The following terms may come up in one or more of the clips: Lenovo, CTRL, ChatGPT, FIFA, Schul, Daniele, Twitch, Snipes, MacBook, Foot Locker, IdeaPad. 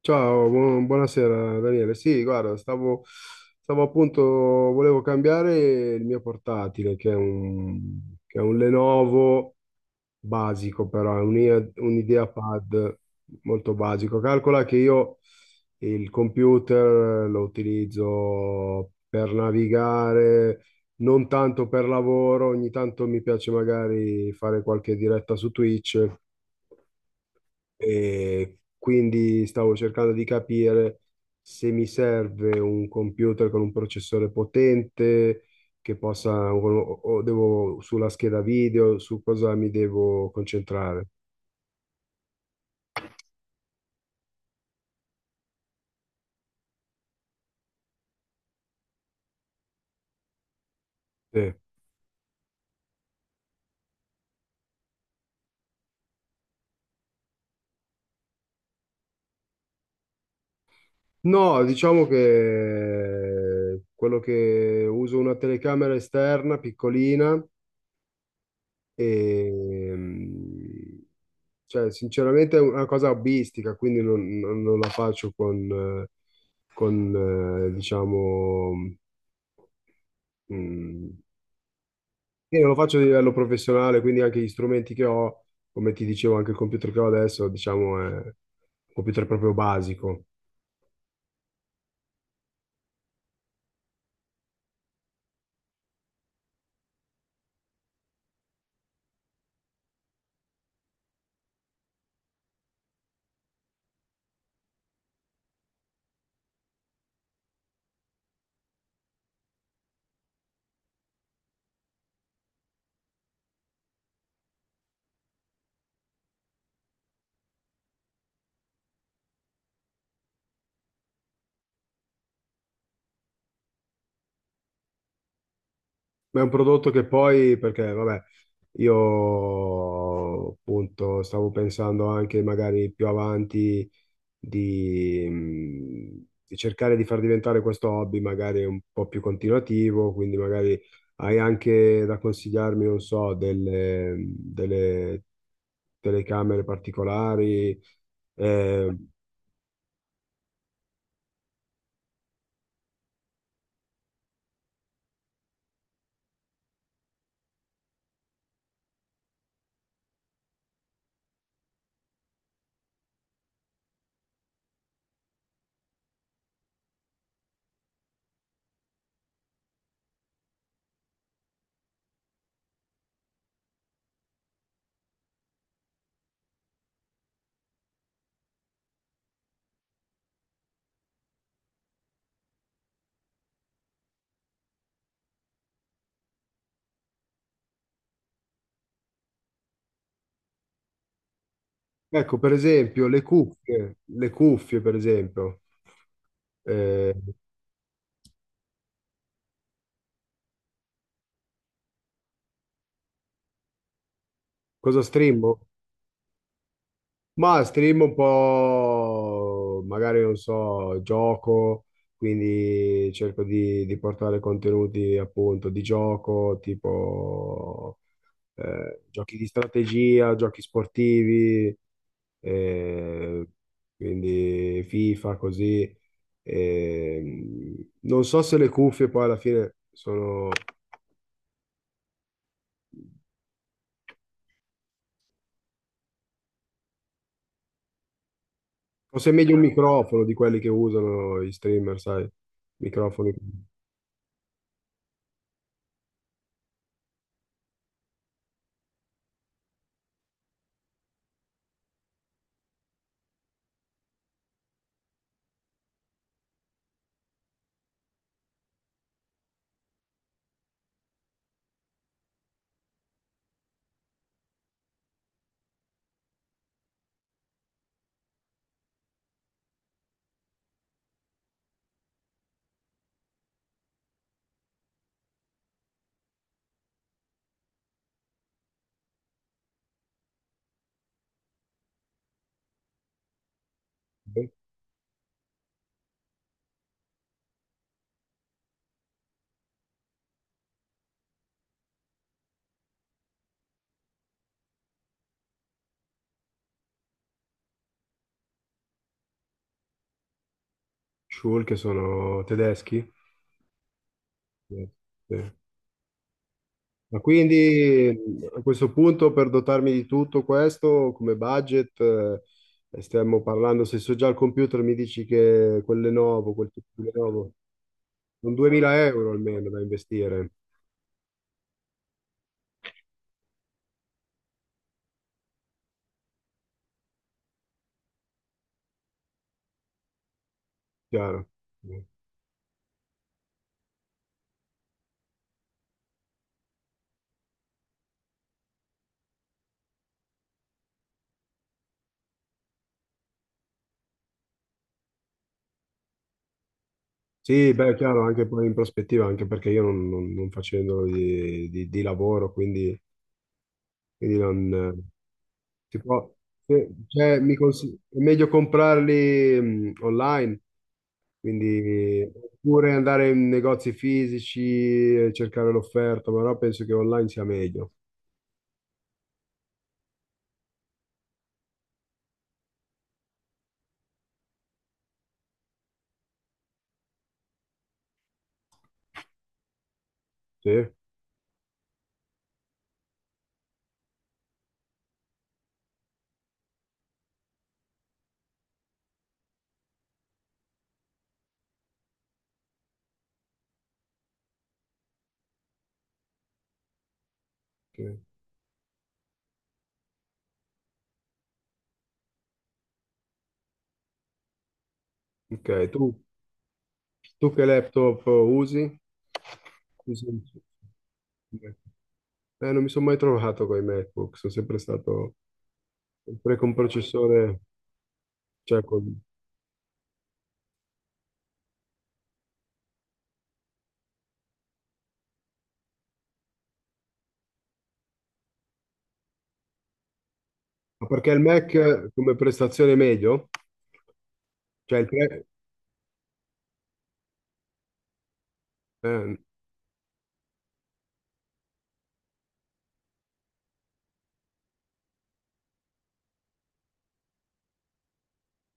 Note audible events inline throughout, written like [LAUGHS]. Ciao, buonasera Daniele. Sì, guarda, volevo cambiare il mio portatile, che è un Lenovo basico, però è un IdeaPad molto basico. Calcola che io il computer lo utilizzo per navigare, non tanto per lavoro, ogni tanto mi piace magari fare qualche diretta su Twitch. E quindi stavo cercando di capire se mi serve un computer con un processore potente, che possa, o devo sulla scheda video, su cosa mi devo concentrare. Sì. No, diciamo che quello che uso una telecamera esterna piccolina e, cioè, sinceramente è una cosa hobbistica, quindi non la faccio con, diciamo, Mm. io non lo faccio a livello professionale, quindi anche gli strumenti che ho, come ti dicevo, anche il computer che ho adesso, diciamo, è un computer proprio basico. Ma è un prodotto che poi, perché, vabbè, io appunto stavo pensando anche magari più avanti di cercare di far diventare questo hobby magari un po' più continuativo, quindi magari hai anche da consigliarmi, non so, delle telecamere particolari. Eh, ecco, per esempio, le cuffie, per esempio. Eh, cosa streamo? Ma stream un po', magari non so, gioco, quindi cerco di portare contenuti appunto di gioco, tipo giochi di strategia, giochi sportivi, eh, quindi FIFA così. Non so se le cuffie poi alla fine sono... Forse è meglio un microfono di quelli che usano i streamer, sai? Microfoni. Schul, che sono tedeschi. Sì. Sì. Ma quindi a questo punto, per dotarmi di tutto questo, come budget, stiamo parlando, se so già al computer mi dici che quel Lenovo, quel tipo di Lenovo, un 2000 euro almeno da investire, chiaro. Sì, beh, chiaro, anche poi in prospettiva, anche perché io non facendo di, di lavoro, quindi, quindi non si può, cioè, è meglio comprarli online, quindi, oppure andare in negozi fisici, cercare l'offerta, però penso che online sia meglio. Sì? Ok, ok, tu, tu che laptop usi? Usi un- non mi sono mai trovato con i MacBook, sono sempre stato sempre con processore, cioè con- ma perché il Mac come prestazione è meglio? Cioè il pre- eh,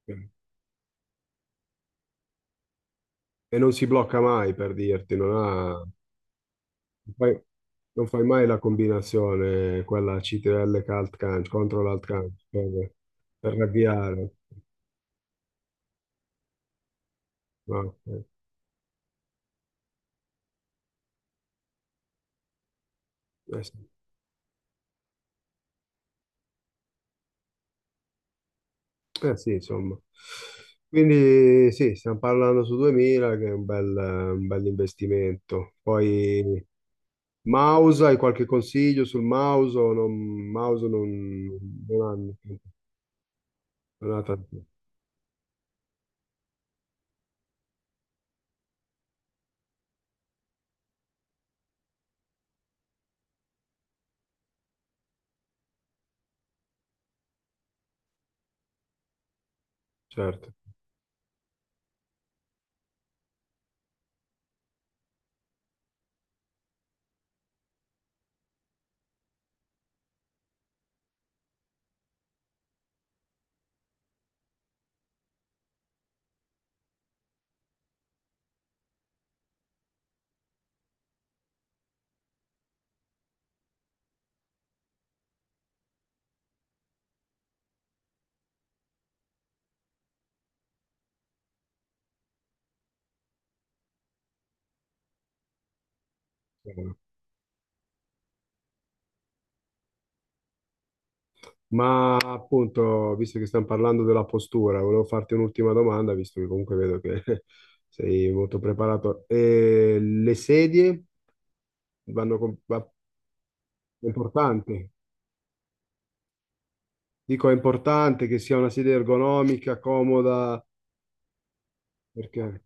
ok. E non si blocca mai per dirti, non ha... fai, non fai mai la combinazione, quella CTRL che alt canc, control alt canc, per avviare. No, eh sì, eh sì, insomma. Quindi sì, stiamo parlando su 2000, che è un bel investimento. Poi mouse, hai qualche consiglio sul mouse? O non- mouse non, non hanno, non ha tanto, certo. Ma appunto, visto che stiamo parlando della postura, volevo farti un'ultima domanda, visto che comunque vedo che [LAUGHS] sei molto preparato. Le sedie vanno con... è importante. Dico, è importante che sia una sedia ergonomica, comoda, perché...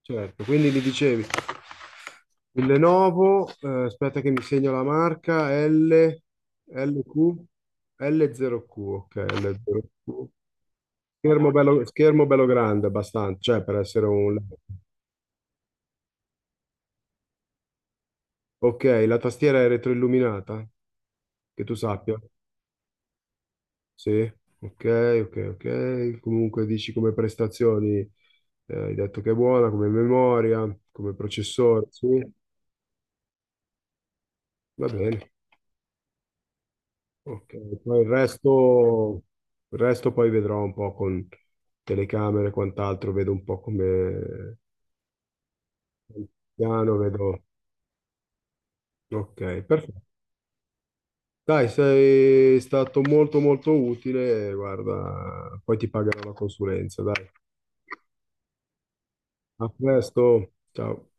Certo, quindi mi dicevi, il Lenovo, aspetta che mi segno la marca, L, LQ, L0Q, ok, L0Q. Schermo bello grande, abbastanza, cioè per essere un... Ok, la tastiera è retroilluminata, che tu sappia. Sì, ok, ok, ok. Comunque dici come prestazioni, hai detto che è buona, come memoria, come processore, sì, va bene. Ok, poi il resto poi vedrò un po' con telecamere e quant'altro, vedo un po' come piano, vedo... Ok, perfetto. Dai, sei stato molto molto utile, guarda, poi ti pagherò la consulenza, dai. A presto, ciao.